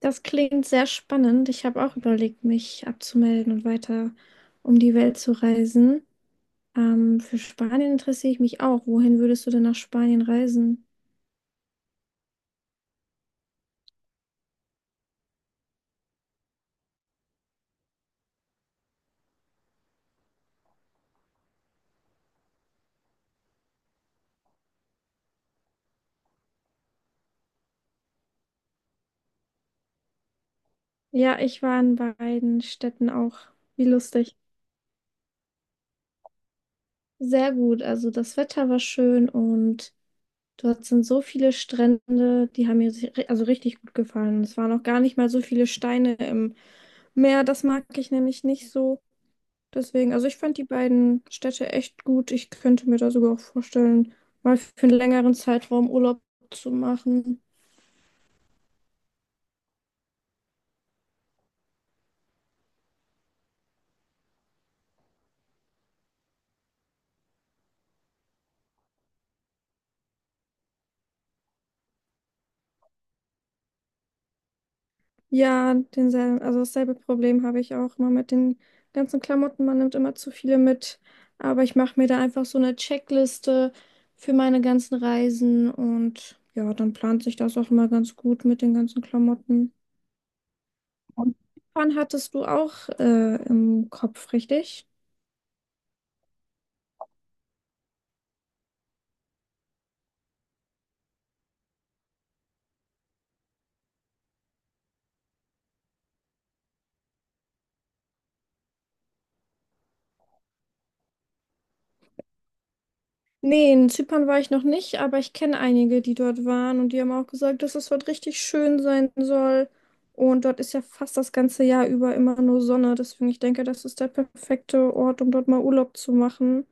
Das klingt sehr spannend. Ich habe auch überlegt, mich abzumelden und weiter um die Welt zu reisen. Für Spanien interessiere ich mich auch. Wohin würdest du denn nach Spanien reisen? Ja, ich war in beiden Städten auch. Wie lustig. Sehr gut. Also das Wetter war schön und dort sind so viele Strände, die haben mir also richtig gut gefallen. Es waren auch gar nicht mal so viele Steine im Meer. Das mag ich nämlich nicht so. Deswegen, also ich fand die beiden Städte echt gut. Ich könnte mir da sogar auch vorstellen, mal für einen längeren Zeitraum Urlaub zu machen. Ja, denselben, also dasselbe Problem habe ich auch immer mit den ganzen Klamotten. Man nimmt immer zu viele mit. Aber ich mache mir da einfach so eine Checkliste für meine ganzen Reisen und ja, dann plant sich das auch immer ganz gut mit den ganzen Klamotten. Und wann hattest du auch im Kopf, richtig? Nee, in Zypern war ich noch nicht, aber ich kenne einige, die dort waren und die haben auch gesagt, dass es dort richtig schön sein soll. Und dort ist ja fast das ganze Jahr über immer nur Sonne. Deswegen, ich denke, das ist der perfekte Ort, um dort mal Urlaub zu machen.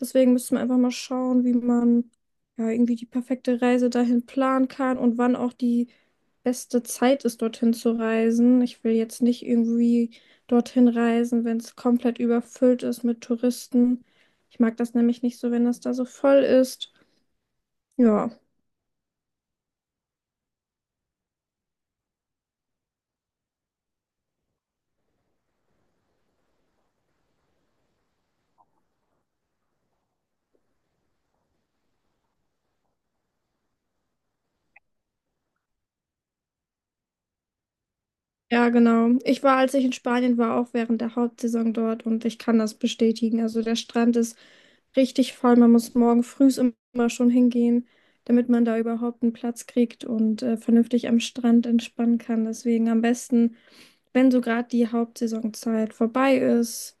Deswegen müssen wir einfach mal schauen, wie man ja irgendwie die perfekte Reise dahin planen kann und wann auch die beste Zeit ist, dorthin zu reisen. Ich will jetzt nicht irgendwie dorthin reisen, wenn es komplett überfüllt ist mit Touristen. Ich mag das nämlich nicht so, wenn das da so voll ist. Ja, ja, genau. Ich war, als ich in Spanien war, auch während der Hauptsaison dort und ich kann das bestätigen. Also der Strand ist richtig voll. Man muss morgen früh immer schon hingehen, damit man da überhaupt einen Platz kriegt und vernünftig am Strand entspannen kann. Deswegen am besten, wenn so gerade die Hauptsaisonzeit vorbei ist,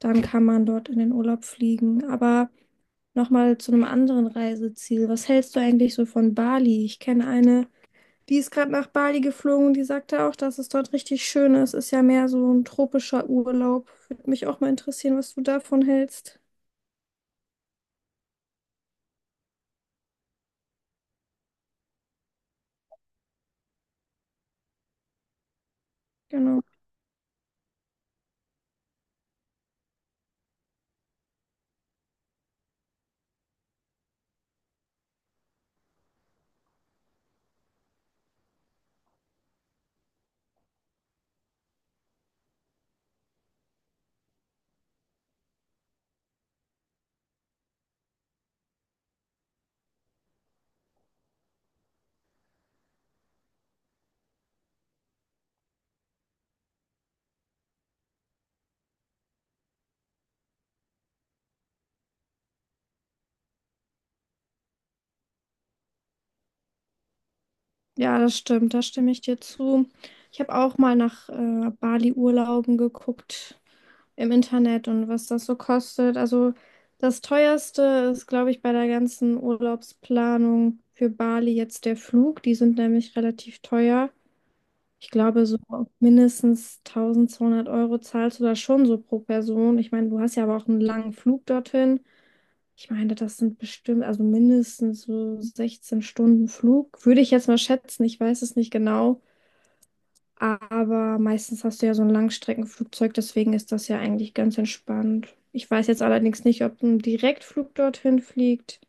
dann kann man dort in den Urlaub fliegen. Aber nochmal zu einem anderen Reiseziel. Was hältst du eigentlich so von Bali? Ich kenne eine. Die ist gerade nach Bali geflogen und die sagte auch, dass es dort richtig schön ist. Ist ja mehr so ein tropischer Urlaub. Würde mich auch mal interessieren, was du davon hältst. Genau. Ja, das stimmt, da stimme ich dir zu. Ich habe auch mal nach Bali-Urlauben geguckt im Internet und was das so kostet. Also das teuerste ist, glaube ich, bei der ganzen Urlaubsplanung für Bali jetzt der Flug. Die sind nämlich relativ teuer. Ich glaube, so mindestens 1200 Euro zahlst du da schon so pro Person. Ich meine, du hast ja aber auch einen langen Flug dorthin. Ich meine, das sind bestimmt, also mindestens so 16 Stunden Flug. Würde ich jetzt mal schätzen, ich weiß es nicht genau. Aber meistens hast du ja so ein Langstreckenflugzeug, deswegen ist das ja eigentlich ganz entspannt. Ich weiß jetzt allerdings nicht, ob ein Direktflug dorthin fliegt.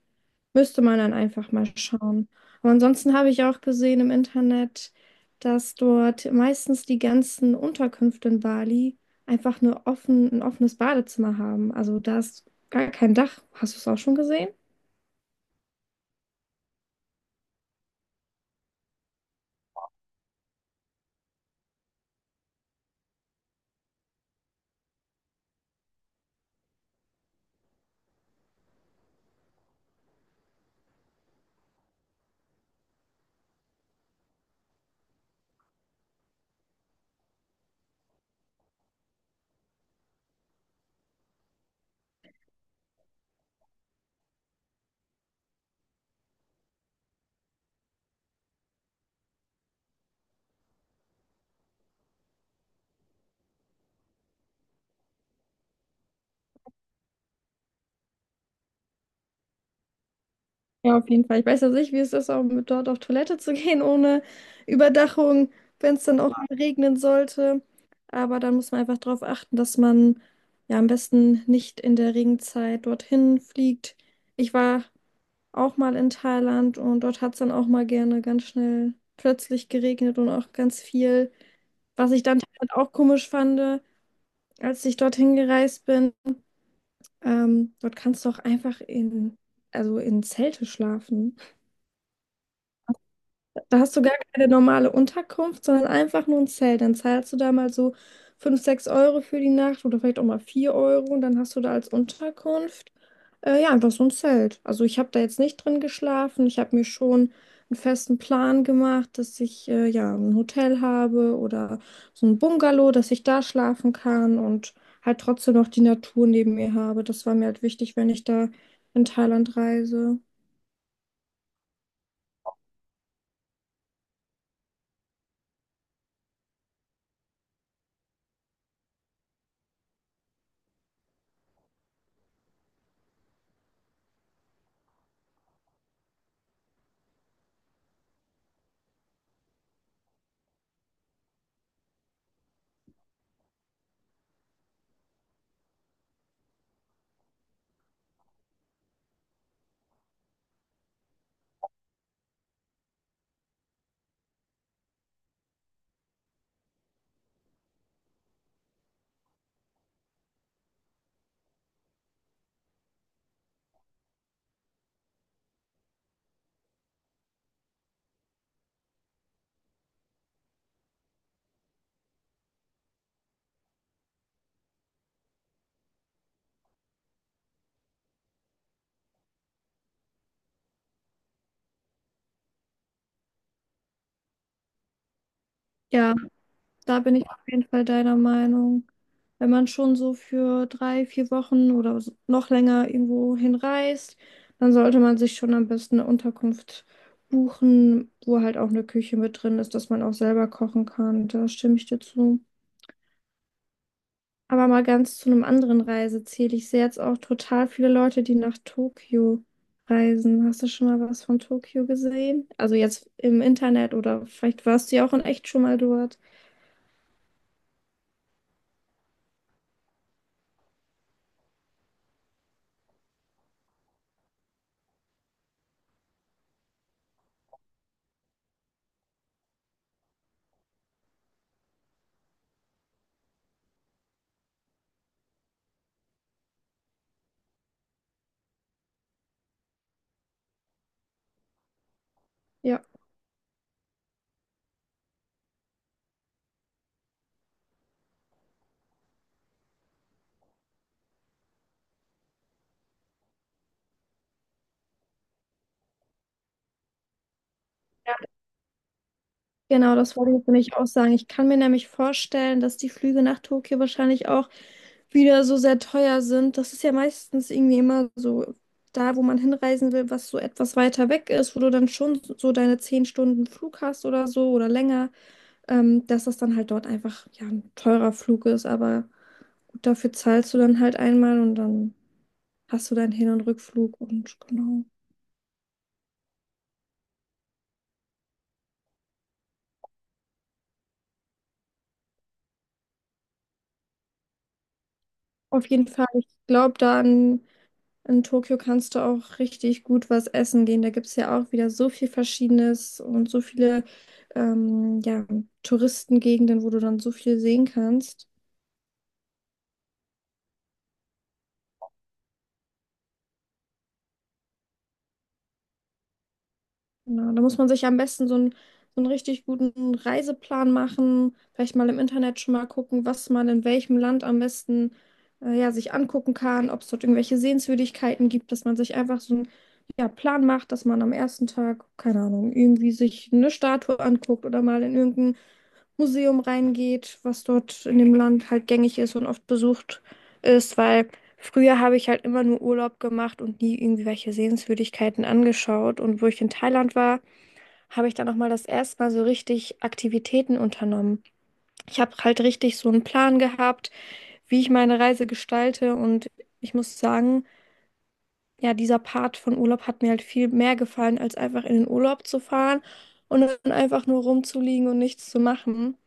Müsste man dann einfach mal schauen. Aber ansonsten habe ich auch gesehen im Internet, dass dort meistens die ganzen Unterkünfte in Bali einfach nur offen, ein offenes Badezimmer haben. Also da ist gar kein Dach. Hast du es auch schon gesehen? Ja, auf jeden Fall. Ich weiß ja nicht, wie es ist, auch mit dort auf Toilette zu gehen ohne Überdachung, wenn es dann auch mal regnen sollte. Aber dann muss man einfach darauf achten, dass man ja am besten nicht in der Regenzeit dorthin fliegt. Ich war auch mal in Thailand und dort hat es dann auch mal gerne ganz schnell plötzlich geregnet und auch ganz viel. Was ich dann Thailand auch komisch fand, als ich dorthin gereist bin, dort kannst du auch einfach also in Zelte schlafen. Da hast du gar keine normale Unterkunft, sondern einfach nur ein Zelt. Dann zahlst du da mal so 5, 6 Euro für die Nacht oder vielleicht auch mal 4 Euro und dann hast du da als Unterkunft ja einfach so ein Zelt. Also ich habe da jetzt nicht drin geschlafen. Ich habe mir schon einen festen Plan gemacht, dass ich ja ein Hotel habe oder so ein Bungalow, dass ich da schlafen kann und halt trotzdem noch die Natur neben mir habe. Das war mir halt wichtig, wenn ich da in Thailand reise. Ja. Da bin ich auf jeden Fall deiner Meinung. Wenn man schon so für drei, vier Wochen oder so- noch länger irgendwo hinreist, dann sollte man sich schon am besten eine Unterkunft buchen, wo halt auch eine Küche mit drin ist, dass man auch selber kochen kann. Da stimme ich dir zu. Aber mal ganz zu einem anderen Reiseziel. Ich sehe jetzt auch total viele Leute, die nach Tokio reisen. Hast du schon mal was von Tokio gesehen? Also jetzt im Internet oder vielleicht warst du ja auch in echt schon mal dort. Ja. Genau, das wollte ich nämlich auch sagen. Ich kann mir nämlich vorstellen, dass die Flüge nach Tokio wahrscheinlich auch wieder so sehr teuer sind. Das ist ja meistens irgendwie immer so da, wo man hinreisen will, was so etwas weiter weg ist, wo du dann schon so deine 10 Stunden Flug hast oder so oder länger, dass das dann halt dort einfach ja ein teurer Flug ist. Aber gut, dafür zahlst du dann halt einmal und dann hast du deinen Hin- und Rückflug und genau. Auf jeden Fall, ich glaube da an. In Tokio kannst du auch richtig gut was essen gehen. Da gibt es ja auch wieder so viel Verschiedenes und so viele ja, Touristengegenden, wo du dann so viel sehen kannst. Ja, da muss man sich am besten so einen richtig guten Reiseplan machen, vielleicht mal im Internet schon mal gucken, was man in welchem Land am besten ja, sich angucken kann, ob es dort irgendwelche Sehenswürdigkeiten gibt, dass man sich einfach so einen ja, Plan macht, dass man am ersten Tag, keine Ahnung, irgendwie sich eine Statue anguckt oder mal in irgendein Museum reingeht, was dort in dem Land halt gängig ist und oft besucht ist, weil. Früher habe ich halt immer nur Urlaub gemacht und nie irgendwie welche Sehenswürdigkeiten angeschaut. Und wo ich in Thailand war, habe ich dann nochmal das erste Mal so richtig Aktivitäten unternommen. Ich habe halt richtig so einen Plan gehabt, wie ich meine Reise gestalte. Und ich muss sagen, ja, dieser Part von Urlaub hat mir halt viel mehr gefallen, als einfach in den Urlaub zu fahren und dann einfach nur rumzuliegen und nichts zu machen.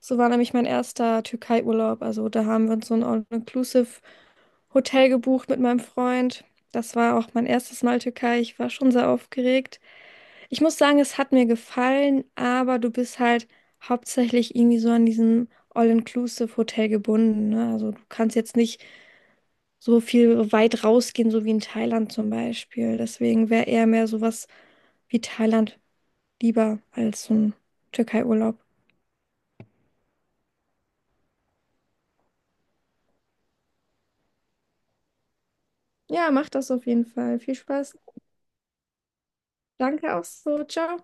So war nämlich mein erster Türkei-Urlaub. Also da haben wir uns so ein All-Inclusive Hotel gebucht mit meinem Freund. Das war auch mein erstes Mal Türkei. Ich war schon sehr aufgeregt. Ich muss sagen, es hat mir gefallen, aber du bist halt hauptsächlich irgendwie so an diesem All-Inclusive-Hotel gebunden, ne? Also du kannst jetzt nicht so viel weit rausgehen, so wie in Thailand zum Beispiel. Deswegen wäre eher mehr sowas wie Thailand lieber als so ein Türkei-Urlaub. Ja, mach das auf jeden Fall. Viel Spaß. Danke auch so. Ciao.